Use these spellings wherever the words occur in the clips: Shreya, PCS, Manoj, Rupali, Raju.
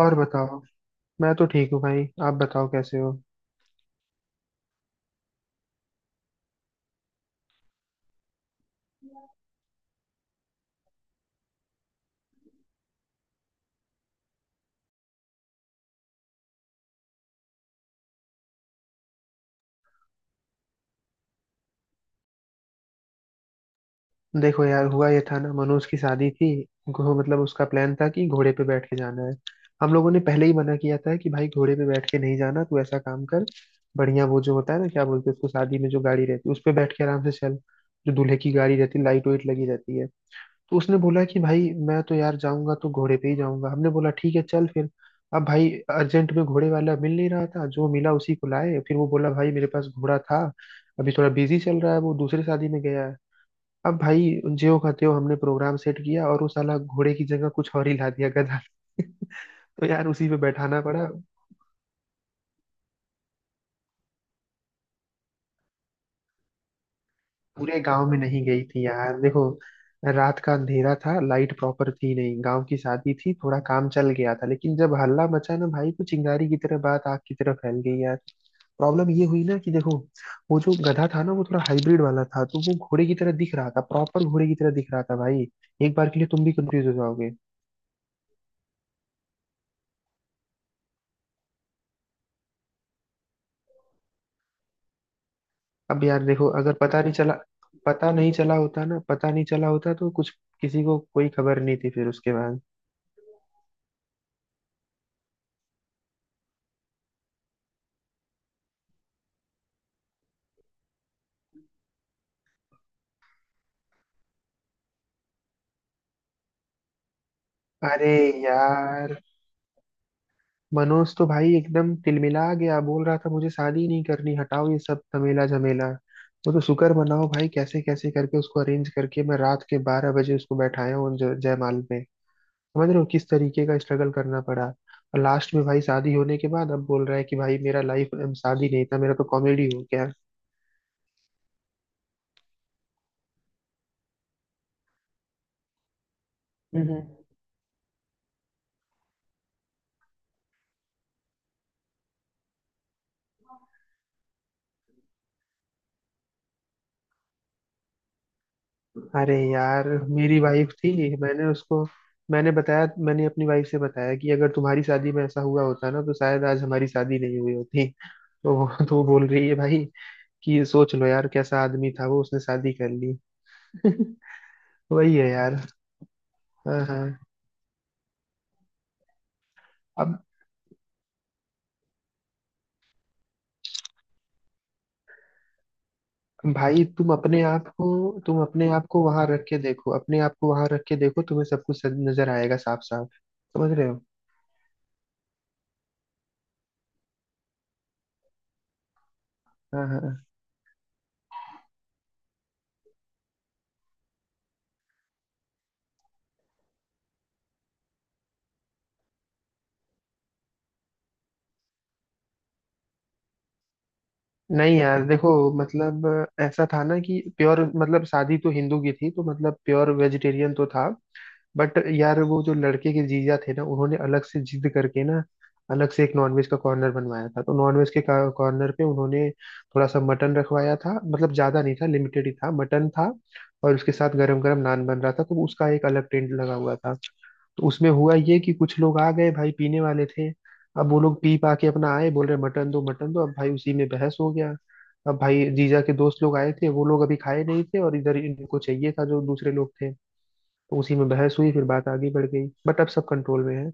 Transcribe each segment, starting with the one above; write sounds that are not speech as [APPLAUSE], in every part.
और बताओ। मैं तो ठीक हूँ भाई, आप बताओ कैसे हो। देखो यार, हुआ ये था ना, मनोज की शादी थी। मतलब उसका प्लान था कि घोड़े पे बैठ के जाना है। हम लोगों ने पहले ही मना किया था कि भाई घोड़े पे बैठ के नहीं जाना, तू ऐसा काम कर, बढ़िया वो जो होता है ना, क्या बोलते हैं उसको, शादी में जो गाड़ी रहती है उस पे बैठ के आराम से चल। जो दूल्हे की गाड़ी रहती है, लाइट वाइट लगी रहती है। तो उसने बोला कि भाई मैं तो यार जाऊंगा तो घोड़े पे ही जाऊंगा। हमने बोला ठीक है चल फिर। अब भाई अर्जेंट में घोड़े वाला मिल नहीं रहा था, जो मिला उसी को लाए। फिर वो बोला भाई मेरे पास घोड़ा था, अभी थोड़ा बिजी चल रहा है, वो दूसरे शादी में गया है। अब भाई ज्यों का त्यों हमने प्रोग्राम सेट किया, और वो साला घोड़े की जगह कुछ और ही ला दिया, गधा। [LAUGHS] तो यार उसी पे बैठाना पड़ा। पूरे गांव में नहीं गई थी यार, देखो रात का अंधेरा था, लाइट प्रॉपर थी नहीं, गांव की शादी थी, थोड़ा काम चल गया था। लेकिन जब हल्ला मचा ना भाई, तो चिंगारी की तरह बात आग की तरह फैल गई यार। प्रॉब्लम ये हुई ना कि देखो, वो जो गधा था ना, वो थोड़ा हाइब्रिड वाला था, तो वो घोड़े की तरह दिख रहा था, प्रॉपर घोड़े की तरह दिख रहा था भाई। एक बार के लिए तुम भी कंफ्यूज हो जाओगे। अब यार देखो, अगर पता नहीं चला, पता नहीं चला होता ना, पता नहीं चला होता तो कुछ, किसी को कोई खबर नहीं थी फिर उसके बाद। अरे यार, मनोज तो भाई एकदम तिलमिला गया, बोल रहा था मुझे शादी नहीं करनी, हटाओ ये सब झमेला झमेला। वो तो शुक्र मनाओ भाई, कैसे कैसे करके उसको अरेंज करके मैं रात के बारह बजे उसको बैठाया हूँ जयमाल पे। समझ रहे हो किस तरीके का स्ट्रगल करना पड़ा। और लास्ट में भाई शादी होने के बाद अब बोल रहा है कि भाई मेरा लाइफ, शादी नहीं था, मेरा तो कॉमेडी हो गया। हम्म। अरे यार, मेरी वाइफ थी, मैंने बताया, मैंने अपनी वाइफ से बताया कि अगर तुम्हारी शादी में ऐसा हुआ होता ना तो शायद आज हमारी शादी नहीं हुई होती। तो वो [LAUGHS] तो वो बोल रही है भाई कि ये सोच लो यार कैसा आदमी था वो, उसने शादी कर ली। [LAUGHS] वही है यार। हाँ हाँ। अब भाई तुम अपने आप को वहां रख के देखो, अपने आप को वहां रख के देखो, तुम्हें सब कुछ नजर आएगा साफ साफ। समझ रहे हो। हाँ हाँ। नहीं यार, [LAUGHS] देखो मतलब ऐसा था ना कि प्योर, मतलब शादी तो हिंदू की थी, तो मतलब प्योर वेजिटेरियन तो था। बट यार वो जो लड़के के जीजा थे ना, उन्होंने अलग से जिद करके ना, अलग से एक नॉनवेज का कॉर्नर बनवाया था। तो नॉनवेज के कॉर्नर पे उन्होंने थोड़ा सा मटन रखवाया था, मतलब ज्यादा नहीं था, लिमिटेड ही था, मटन था। और उसके साथ गरम गरम नान बन रहा था, तो उसका एक अलग टेंट लगा हुआ था। तो उसमें हुआ ये कि कुछ लोग आ गए भाई, पीने वाले थे। अब वो लोग पी पा के अपना आए, बोल रहे मटन दो मटन दो, अब भाई उसी में बहस हो गया। अब भाई जीजा के दोस्त लोग आए थे, वो लोग अभी खाए नहीं थे, और इधर इनको चाहिए था जो दूसरे लोग थे। तो उसी में बहस हुई, फिर बात आगे बढ़ गई, बट अब सब कंट्रोल में है।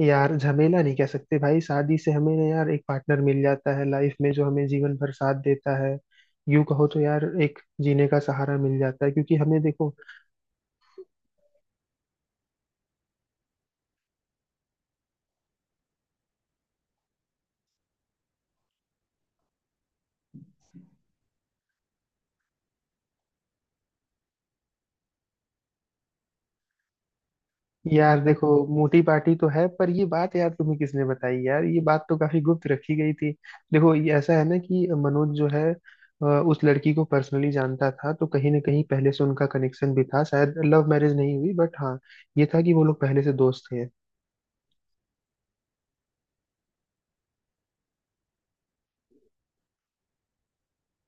यार झमेला नहीं कह सकते भाई, शादी से हमें ना यार एक पार्टनर मिल जाता है लाइफ में, जो हमें जीवन भर साथ देता है। यूं कहो तो यार एक जीने का सहारा मिल जाता है, क्योंकि हमें देखो, यार देखो, मोटी पार्टी तो है, पर ये बात यार तुम्हें किसने बताई, यार ये बात तो काफी गुप्त रखी गई थी। देखो ये ऐसा है ना कि मनोज जो है, अ, उस लड़की को पर्सनली जानता था, तो कहीं ना कहीं पहले से उनका कनेक्शन भी था, शायद लव मैरिज नहीं हुई, बट हाँ ये था कि वो लोग पहले से दोस्त थे।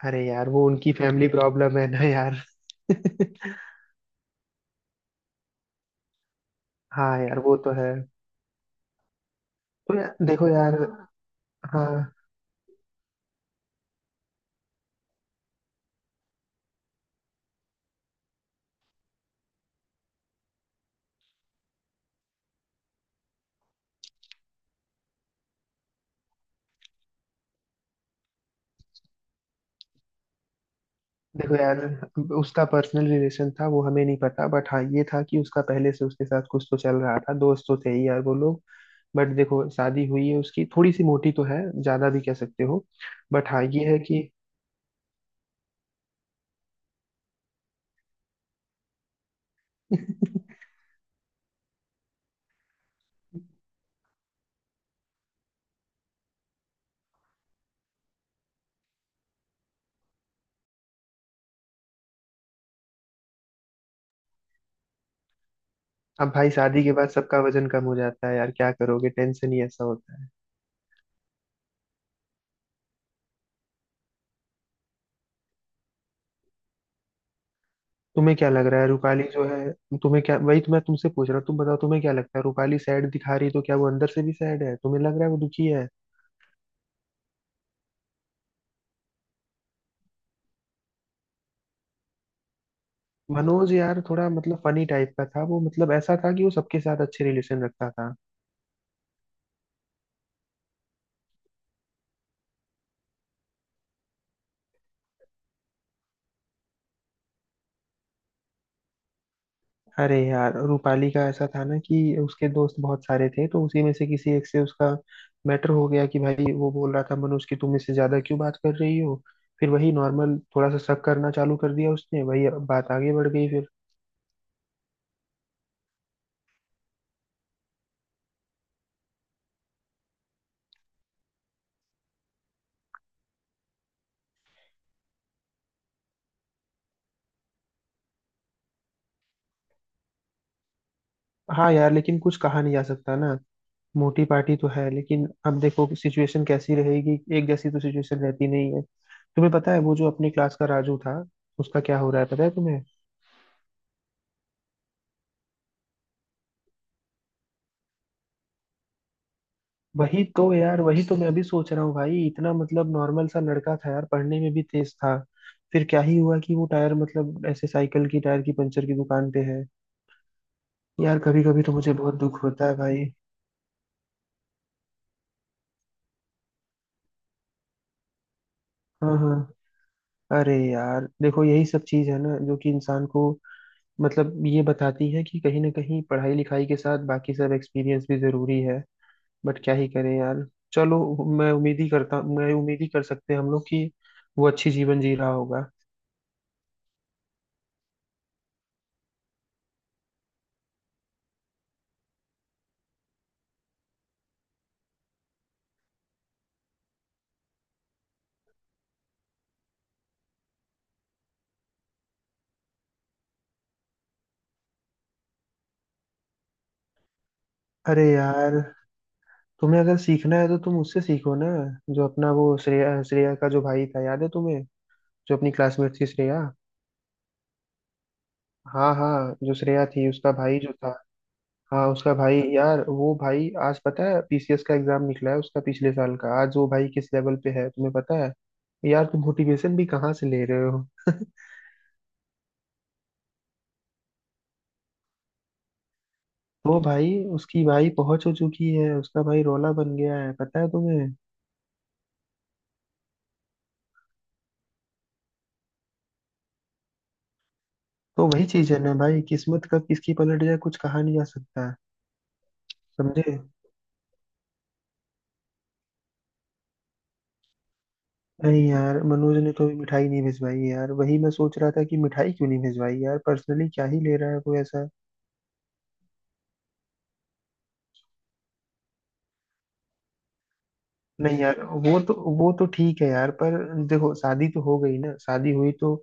अरे यार वो उनकी फैमिली प्रॉब्लम है ना यार। [LAUGHS] हाँ यार वो तो है। देखो यार। हाँ देखो यार, उसका पर्सनल रिलेशन था वो हमें नहीं पता, बट हाँ ये था कि उसका पहले से उसके साथ कुछ तो चल रहा था, दोस्त तो थे ही यार वो लोग। बट देखो शादी हुई है उसकी, थोड़ी सी मोटी तो है, ज्यादा भी कह सकते हो, बट हाँ ये है कि। [LAUGHS] अब भाई शादी के बाद सबका वजन कम हो जाता है यार, क्या करोगे, टेंशन ही ऐसा होता है। तुम्हें क्या लग रहा है रूपाली जो है, तुम्हें क्या, वही तो मैं तुमसे पूछ रहा हूँ, तुम बताओ, तुम्हें क्या लगता है, रूपाली सैड दिखा रही है, तो क्या वो अंदर से भी सैड है, तुम्हें लग रहा है वो दुखी है। मनोज यार थोड़ा मतलब फनी टाइप का था वो, मतलब ऐसा था कि वो सबके साथ अच्छे रिलेशन रखता था। अरे यार रूपाली का ऐसा था ना कि उसके दोस्त बहुत सारे थे, तो उसी में से किसी एक से उसका मैटर हो गया कि भाई वो बोल रहा था मनोज कि तुम इससे ज्यादा क्यों बात कर रही हो। फिर वही नॉर्मल थोड़ा सा शक करना चालू कर दिया उसने, वही बात आगे बढ़ गई फिर। हाँ यार, लेकिन कुछ कहा नहीं जा सकता ना। मोटी पार्टी तो है लेकिन अब देखो सिचुएशन कैसी रहेगी, एक जैसी तो सिचुएशन रहती नहीं है। तुम्हें पता है वो जो अपने क्लास का राजू था, उसका क्या हो रहा है पता है तुम्हें। वही तो यार, वही तो मैं अभी सोच रहा हूँ भाई, इतना मतलब नॉर्मल सा लड़का था यार, पढ़ने में भी तेज था। फिर क्या ही हुआ कि वो टायर, मतलब ऐसे साइकिल की टायर की पंचर की दुकान पे है। यार कभी कभी तो मुझे बहुत दुख होता है भाई। हाँ हाँ। अरे यार देखो यही सब चीज है ना जो कि इंसान को, मतलब ये बताती है कि कहीं ना कहीं पढ़ाई लिखाई के साथ बाकी सब एक्सपीरियंस भी जरूरी है। बट क्या ही करें यार। चलो, मैं उम्मीद ही करता मैं उम्मीद ही कर सकते हैं हम लोग कि वो अच्छी जीवन जी रहा होगा। अरे यार, तुम्हें अगर सीखना है तो तुम उससे सीखो ना, जो अपना वो श्रेया श्रेया का जो भाई था याद है तुम्हें, जो अपनी क्लासमेट थी श्रेया। हाँ हाँ, जो श्रेया थी उसका भाई जो था, हाँ उसका भाई यार, वो भाई आज पता है पीसीएस का एग्जाम निकला है उसका, पिछले साल का, आज वो भाई किस लेवल पे है तुम्हें पता है। यार तुम मोटिवेशन भी कहाँ से ले रहे हो। वो भाई, उसकी भाई पहुंच हो चुकी है, उसका भाई रोला बन गया है पता है तुम्हें। तो वही चीज है ना भाई, किस्मत कब किसकी पलट जाए कुछ कहा नहीं जा सकता। समझे। नहीं यार मनोज ने तो अभी मिठाई नहीं भिजवाई यार, वही मैं सोच रहा था कि मिठाई क्यों नहीं भिजवाई, यार पर्सनली क्या ही ले रहा है वो ऐसा। नहीं यार वो तो ठीक है यार पर देखो शादी तो हो गई ना, शादी हुई तो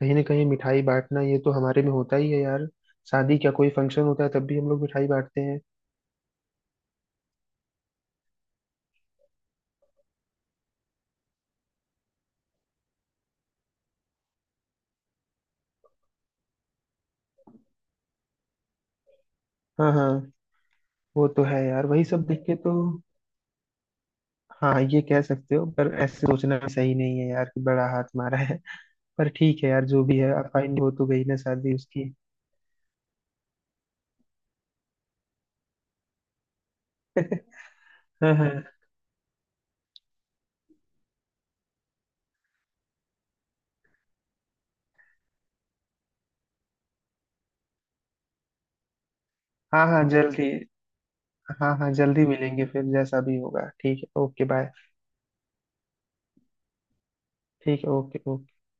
कहीं ना कहीं मिठाई बांटना ये तो हमारे में होता ही है यार। शादी क्या कोई फंक्शन होता है तब भी हम लोग मिठाई बांटते हैं। हाँ हाँ। वो तो है यार, वही सब देख के तो। हाँ ये कह सकते हो, पर ऐसे सोचना भी सही नहीं है यार कि बड़ा हाथ मारा है, पर ठीक है यार जो भी है, अब फाइनल हो तो गई ना शादी उसकी। [LAUGHS] हाँ हाँ। हाँ हाँ जल्दी। हाँ हाँ जल्दी मिलेंगे फिर, जैसा भी होगा ठीक है, ओके बाय। ठीक है, ओके ओके।